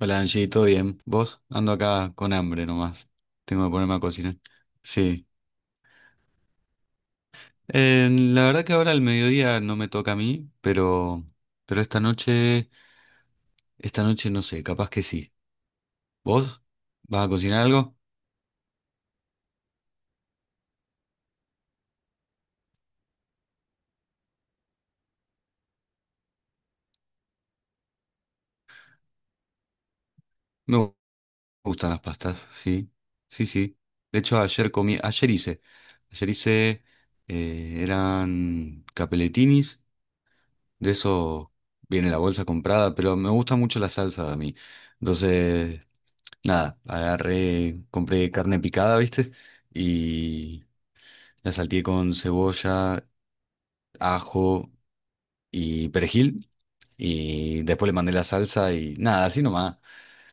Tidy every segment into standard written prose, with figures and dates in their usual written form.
Hola Angie, ¿todo bien? ¿Vos? Ando acá con hambre nomás. Tengo que ponerme a cocinar. Sí. La verdad que ahora al mediodía no me toca a mí, pero esta noche no sé, capaz que sí. ¿Vos? ¿Vas a cocinar algo? Me gu- Gustan las pastas, sí. Sí, sí. De hecho, ayer hice, ayer hice, eran capelletinis, de eso viene la bolsa comprada, pero me gusta mucho la salsa a mí. Entonces, nada, agarré, compré carne picada, ¿viste? Y la salteé con cebolla, ajo y perejil. Y después le mandé la salsa y nada, así nomás.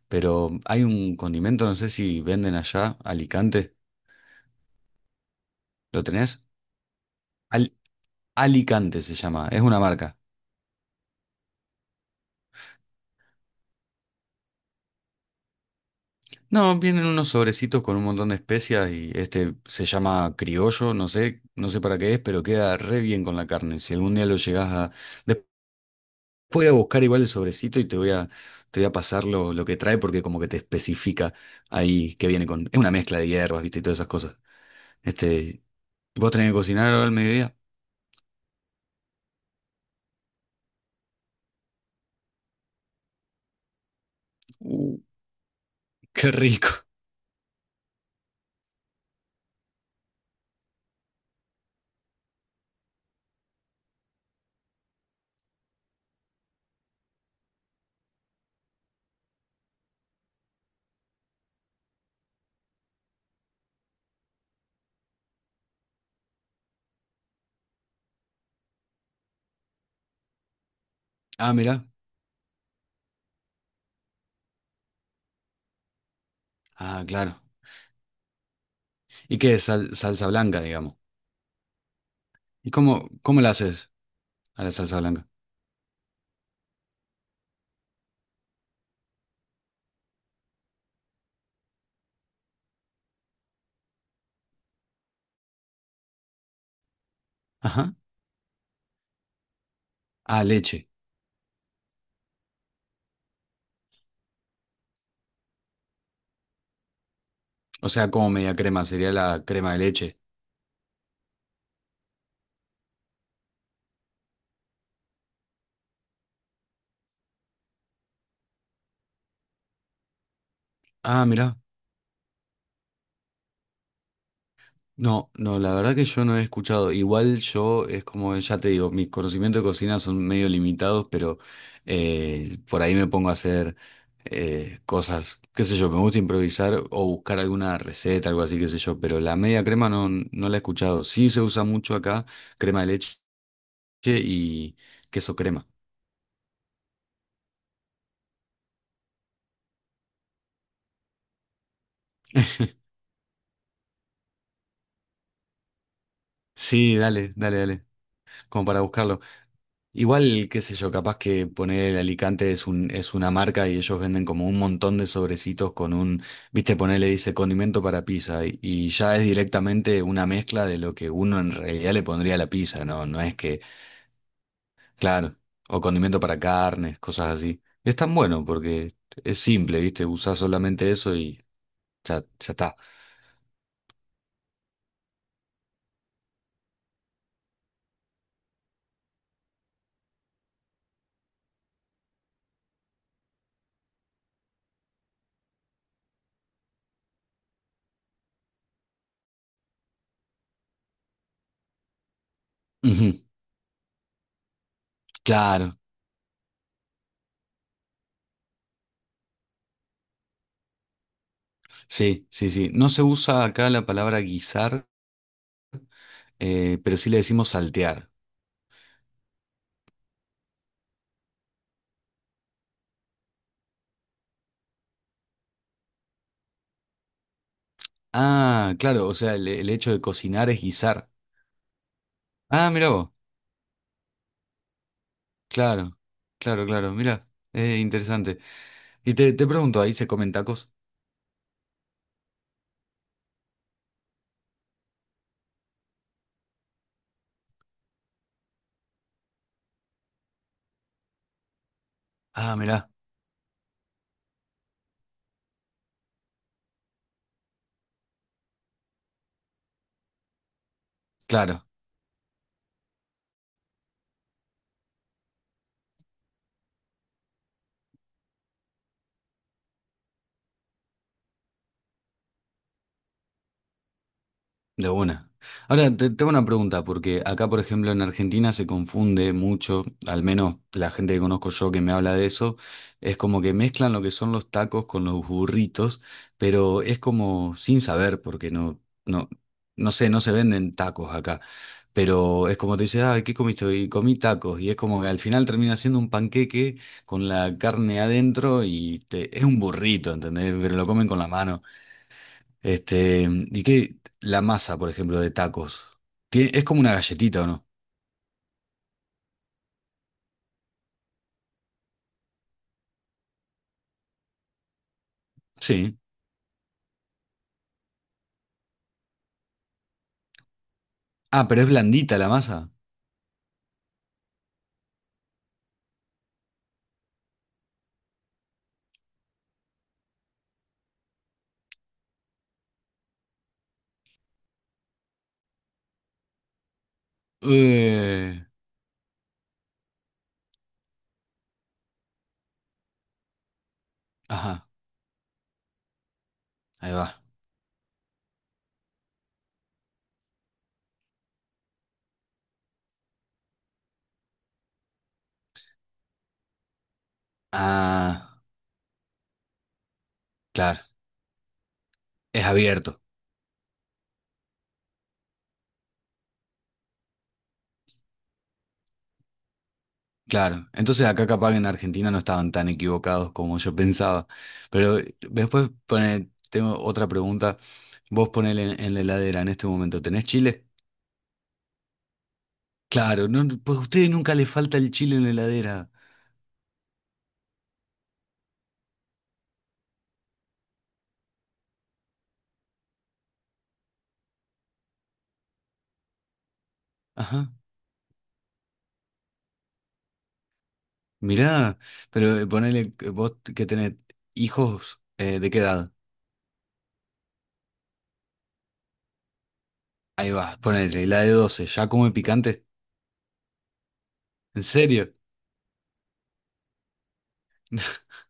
Pero hay un condimento, no sé si venden allá, Alicante. ¿Lo tenés? Al- Alicante se llama, es una marca. No, vienen unos sobrecitos con un montón de especias y este se llama criollo, no sé, no sé para qué es, pero queda re bien con la carne. Si algún día lo llegás a... Voy a buscar igual el sobrecito y te voy a pasar lo que trae porque como que te especifica ahí que viene con... Es una mezcla de hierbas, viste, y todas esas cosas. Este, ¿vos tenés que cocinar ahora al mediodía? Uh, qué rico. Ah, mirá. Ah, claro. ¿Y qué es salsa blanca, digamos? ¿Y cómo la haces a la salsa blanca? Ajá. Ah, leche. O sea, como media crema, sería la crema de leche. Ah, mirá. No, no, la verdad que yo no he escuchado. Igual yo, es como ya te digo, mis conocimientos de cocina son medio limitados, pero por ahí me pongo a hacer cosas, qué sé yo, me gusta improvisar o buscar alguna receta, algo así, qué sé yo, pero la media crema no, no la he escuchado. Sí se usa mucho acá, crema de leche y queso crema. Sí, dale, dale, dale, como para buscarlo. Igual, qué sé yo, capaz que poner el Alicante es un, es una marca y ellos venden como un montón de sobrecitos con un, viste, ponerle dice condimento para pizza y ya es directamente una mezcla de lo que uno en realidad le pondría a la pizza, ¿no? No es que, claro, o condimento para carnes, cosas así. Es tan bueno porque es simple, viste, usás solamente eso y ya, ya está. Ujú. Claro, sí, sí, sí. No se usa acá la palabra guisar, pero sí le decimos saltear. Ah, claro, o sea, el hecho de cocinar es guisar. Ah, mira vos, claro, claro, claro, mira, interesante. Y te pregunto, ¿ahí se comen tacos? Ah, mira, claro. De una. Ahora, te tengo una pregunta, porque acá, por ejemplo, en Argentina se confunde mucho, al menos la gente que conozco yo que me habla de eso, es como que mezclan lo que son los tacos con los burritos, pero es como sin saber, porque no, no, no sé, no se venden tacos acá. Pero es como te dice, ay, ¿qué comiste hoy? Y comí tacos. Y es como que al final termina siendo un panqueque con la carne adentro y es un burrito, ¿entendés? Pero lo comen con la mano. Este, ¿y qué? La masa, por ejemplo, de tacos. Es como una galletita, ¿o no? Sí. Ah, pero es blandita la masa. Eh, ajá, ahí va. Ah, claro. Es abierto. Claro. Entonces acá capaz que en Argentina no estaban tan equivocados como yo pensaba. Pero después pone, tengo otra pregunta. Vos ponele en la heladera en este momento. ¿Tenés chile? Claro, no, pues a ustedes nunca les falta el chile en la heladera. Ajá. Mirá, pero ponele que vos que tenés hijos, ¿de qué edad? Ahí va, ponele, la de 12, ¿ya come picante? ¿En serio?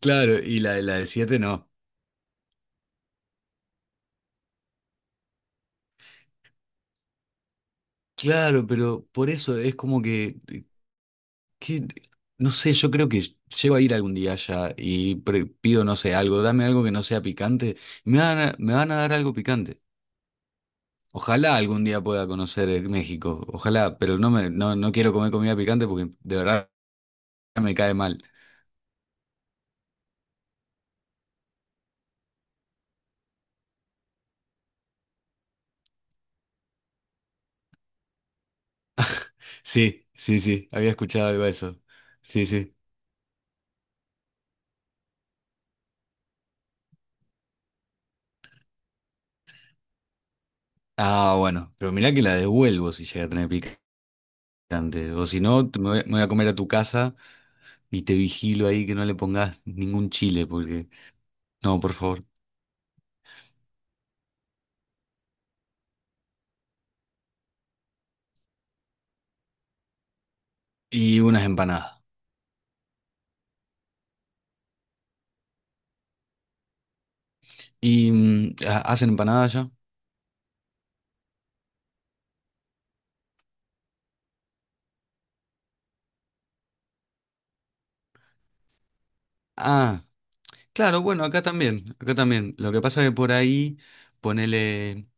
Claro, y la de 7, no. Claro, pero por eso es como que, que- no sé, yo creo que llego a ir algún día allá y pido, no sé, algo, dame algo que no sea picante, me van a dar algo picante. Ojalá algún día pueda conocer México, ojalá, pero no me, no, no quiero comer comida picante porque de verdad me cae mal. Sí, sí, sí, había escuchado algo de eso. Sí, sí. Ah, bueno, pero mirá que la devuelvo si llega a tener picante. O si no, me voy a comer a tu casa y te vigilo ahí que no le pongas ningún chile, porque... No, por favor. Y unas empanadas. ¿Y hacen empanadas ya? Ah, claro, bueno, acá también, acá también. Lo que pasa es que por ahí, ponele,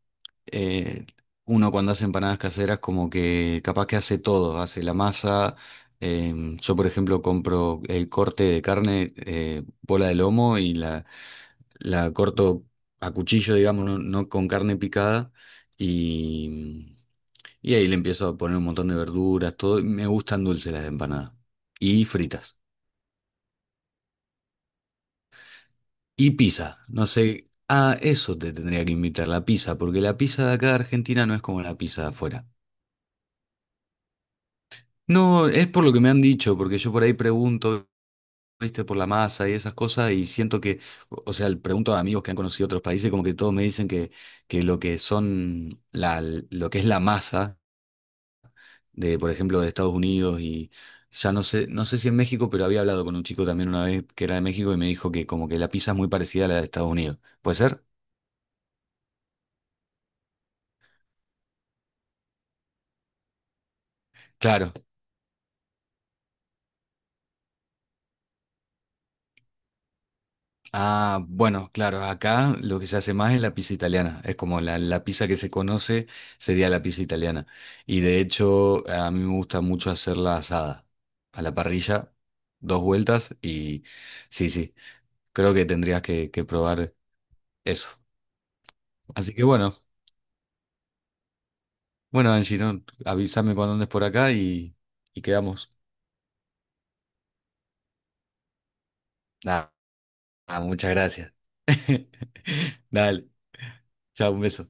eh, uno cuando hace empanadas caseras como que capaz que hace todo, hace la masa. Em, yo, por ejemplo, compro el corte de carne, bola de lomo y la corto a cuchillo, digamos, no, no con carne picada. Y, y ahí le empiezo a poner un montón de verduras, todo. Me gustan dulces las empanadas. Y fritas. Y pizza, no sé, a eso te tendría que invitar, la pizza, porque la pizza de acá de Argentina no es como la pizza de afuera. No, es por lo que me han dicho, porque yo por ahí pregunto, viste, por la masa y esas cosas, y siento que, o sea, le pregunto a amigos que han conocido otros países, como que todos me dicen que lo que son lo que es la masa de, por ejemplo, de Estados Unidos y ya no sé, no sé si en México, pero había hablado con un chico también una vez que era de México y me dijo que como que la pizza es muy parecida a la de Estados Unidos. ¿Puede ser? Claro. Ah, bueno, claro, acá lo que se hace más es la pizza italiana, es como la pizza que se conoce sería la pizza italiana. Y de hecho a mí me gusta mucho hacerla asada, a la parrilla, dos vueltas y sí, sí, creo que tendrías que probar eso. Así que bueno, bueno Angie, ¿no?, avísame cuando andes por acá y quedamos. Nada, muchas gracias. Dale, chao, un beso.